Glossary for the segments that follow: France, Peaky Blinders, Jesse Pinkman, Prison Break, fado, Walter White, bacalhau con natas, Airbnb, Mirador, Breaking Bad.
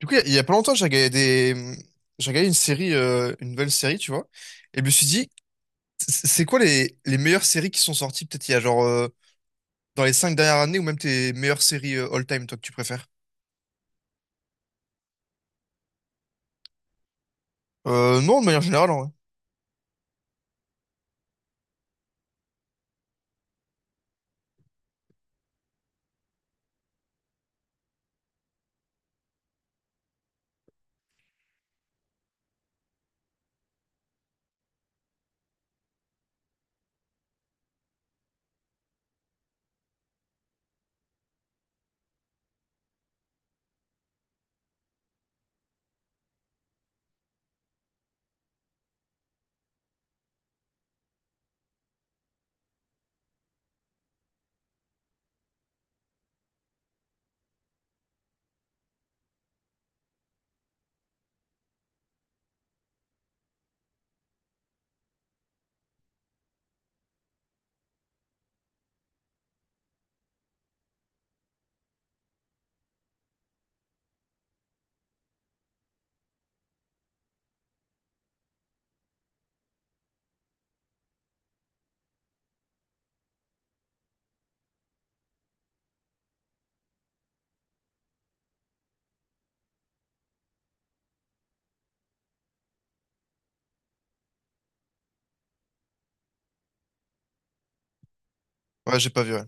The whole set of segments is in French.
Du coup, il y a pas longtemps, j'ai regardé j'ai regardé une série, une nouvelle série, tu vois. Et je me suis dit, c'est quoi les meilleures séries qui sont sorties, peut-être il y a genre dans les cinq dernières années, ou même tes meilleures séries all-time, toi, que tu préfères? Non, de manière générale, en vrai. Ouais, j'ai pas vu, ouais.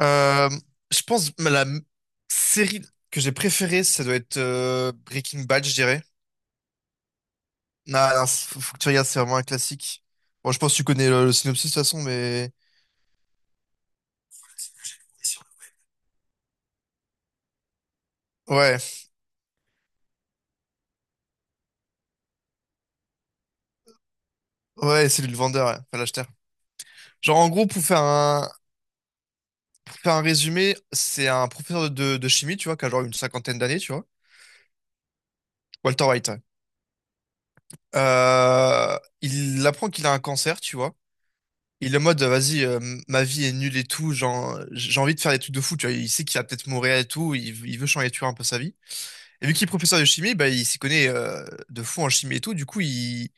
Euh, je pense que série que j'ai préférée, ça doit être Breaking Bad, je dirais. Non, non, faut que tu regardes, c'est vraiment un classique. Bon, je pense que tu connais le synopsis de toute façon, mais... Ouais, ouais, c'est lui le vendeur, ouais. Enfin, l'acheteur. Genre, en gros, pour faire un résumé, c'est un professeur de chimie, tu vois, qui a genre une cinquantaine d'années, tu vois. Walter White, ouais. Il apprend qu'il a un cancer, tu vois. Il est en mode, vas-y, ma vie est nulle et tout, genre, j'ai envie de faire des trucs de fou, tu vois. Il sait qu'il va peut-être mourir et tout, il veut changer, tu vois, un peu sa vie. Et vu qu'il est professeur de chimie, bah, il s'y connaît de fou en chimie et tout, du coup,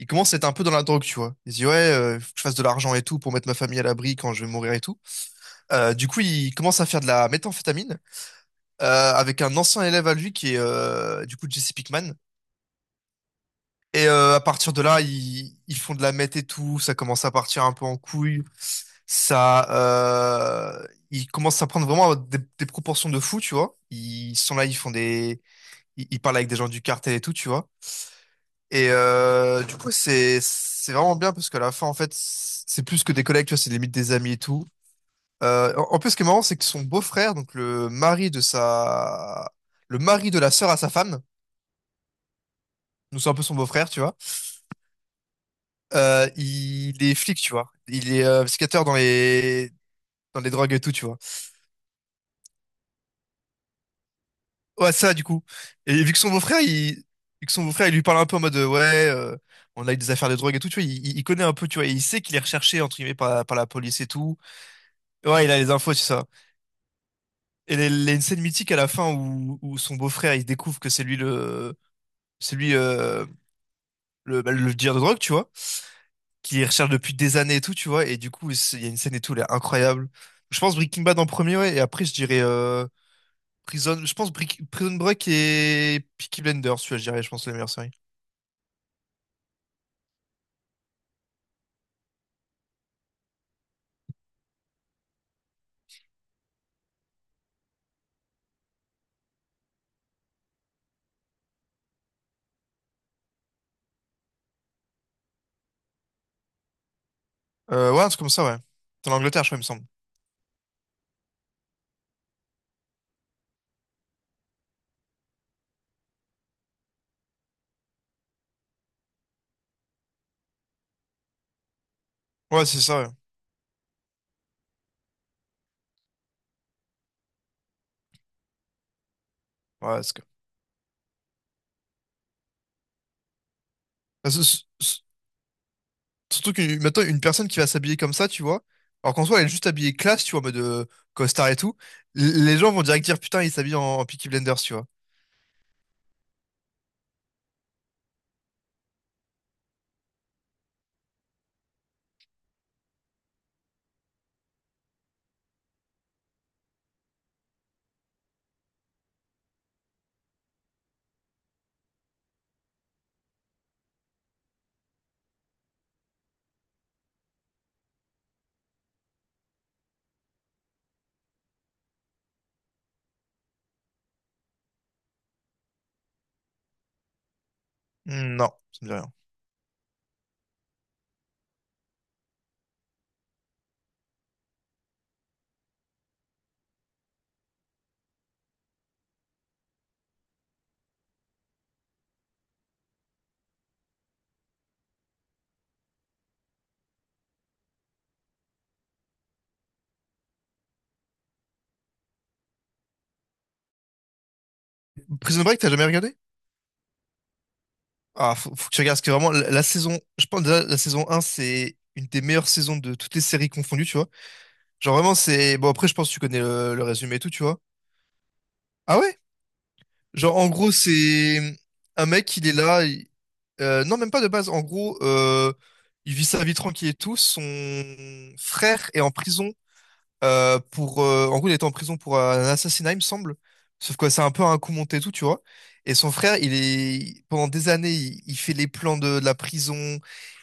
il commence à être un peu dans la drogue, tu vois. Il se dit, ouais, faut que je fasse de l'argent et tout pour mettre ma famille à l'abri quand je vais mourir et tout. Du coup, il commence à faire de la méthamphétamine, avec un ancien élève à lui qui est du coup Jesse Pinkman. Et à partir de là, ils font de la meth et tout, ça commence à partir un peu en couille, ça, euh, ils commencent à prendre vraiment des proportions de fou, tu vois. Ils sont là, ils, ils parlent avec des gens du cartel et tout, tu vois. Et du coup, c'est vraiment bien parce qu'à la fin, en fait, c'est plus que des collègues, tu vois, c'est limite des amis et tout. En plus, ce qui est marrant, c'est que son beau-frère, le mari de la sœur à sa femme. Nous c'est un peu son beau-frère, tu vois. Il est flic, tu vois. Il est skateur dans les drogues et tout, tu vois. Ouais, ça, du coup. Et vu que son beau-frère, il lui parle un peu en mode on a eu des affaires de drogue et tout, tu vois. Il connaît un peu, tu vois, et il sait qu'il est recherché entre guillemets par la police et tout. Ouais, il a les infos, tu sais ça. Et il y a une scène mythique à la fin où son beau-frère, il découvre que c'est lui le dealer de drogue, tu vois, qui les recherche depuis des années et tout, tu vois. Et du coup, il y a une scène et tout, elle est incroyable. Je pense Breaking Bad en premier, ouais. Et après, je dirais Prison. Je pense Brick- Prison Break et Peaky Blinders, tu vois, je dirais, je pense, les meilleures séries. Ouais, un truc comme ça, ouais. C'est en Angleterre, je crois, il me semble. Ouais, c'est ça, ouais. Ouais, c'est que- Ah, c'est- Surtout que maintenant, une personne qui va s'habiller comme ça, tu vois. Alors qu'en soi, elle est juste habillée classe, tu vois, en mode costard et tout. Les gens vont direct dire, putain, il s'habille en Peaky Blinders, tu vois. Hmm. Non, ça me dit rien. Prison Break, t'as jamais regardé? Ah, faut que tu regardes, parce que vraiment, la saison, je pense déjà, la saison 1, c'est une des meilleures saisons de toutes les séries confondues, tu vois. Genre vraiment, c'est... Bon, après, je pense que tu connais le résumé et tout, tu vois. Ah ouais? Genre, en gros, c'est un mec, il est là... il- non, même pas de base. En gros, il vit sa vie tranquille et tout. Son frère est en prison pour en gros il était en prison pour un assassinat il me semble, sauf que c'est un peu un coup monté et tout tu vois, et son frère il est pendant des années il fait les plans de la prison,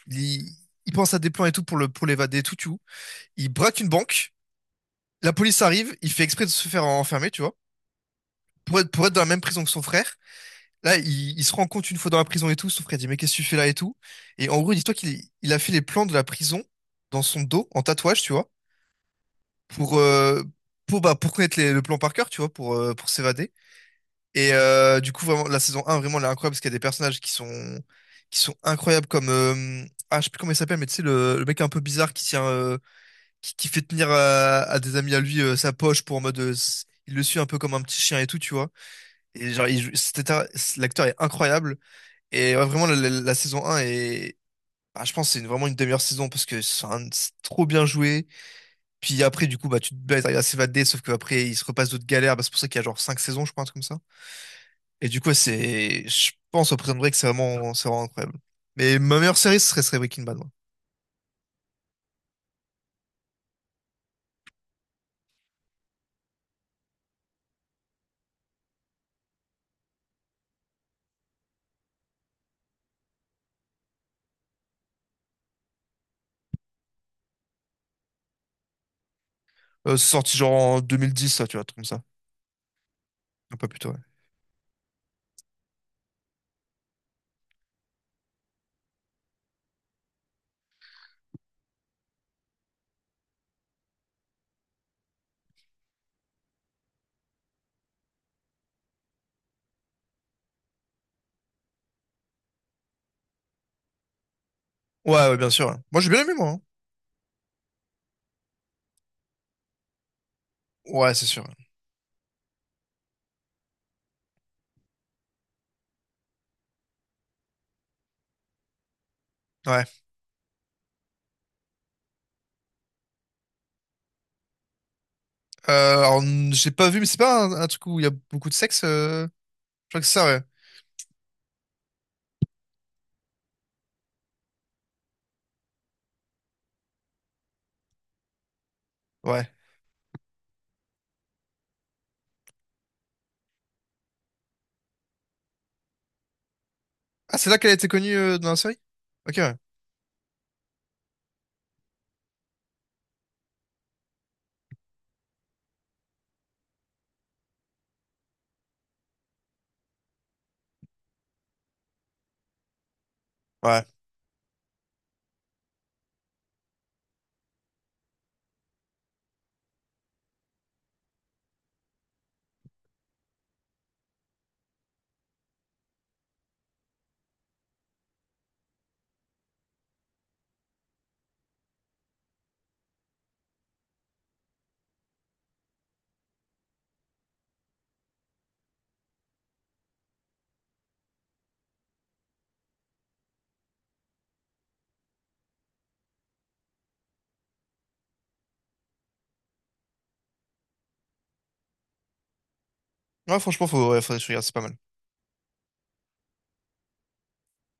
il, il pense à des plans et tout pour le pour l'évader et tout tu vois, il braque une banque, la police arrive, il fait exprès de se faire enfermer tu vois, pour être dans la même prison que son frère. Là, il se rend compte une fois dans la prison et tout, son frère dit, mais qu'est-ce que tu fais là et tout. Et en gros, dis-toi qu'il il a fait les plans de la prison dans son dos, en tatouage, tu vois, pour, euh, pour connaître le plan par cœur, tu vois, pour s'évader. Et du coup, vraiment, la saison un vraiment, elle est incroyable parce qu'il y a des personnages qui sont incroyables comme... ah, je sais plus comment il s'appelle, mais tu sais, le mec un peu bizarre qui qui fait tenir à des amis à lui sa poche pour en mode... il le suit un peu comme un petit chien et tout, tu vois. Et genre, il joue- c'était un- l'acteur est incroyable. Et ouais, vraiment, la saison un est... ah, je pense que c'est vraiment une des meilleures saisons parce que c'est trop bien joué. Puis après, du coup, bah, tu te bats, ils arrivent à s'évader, sauf qu'après, ils se repassent d'autres galères. Bah, c'est pour ça qu'il y a genre 5 saisons, je crois, un truc comme ça. Et du coup, ouais, c'est... Je pense au Prison Break, c'est vraiment incroyable. Mais ma meilleure série, serait Breaking Bad, moi. C'est sorti genre en 2010, ça, tu vois, un truc comme ça. Un peu plus tôt, ouais. Ouais, ouais, bien sûr, ouais. Moi, j'ai bien aimé, moi, hein. Ouais, c'est sûr. Ouais. Alors, j'ai pas vu, mais c'est pas un truc où il y a beaucoup de sexe, euh... Je crois que c'est ça, ouais. Ouais. Ah, c'est là qu'elle a été connue dans la série? Ok, ouais. Ouais. Ouais, franchement, faudrait que je regarde, c'est pas mal.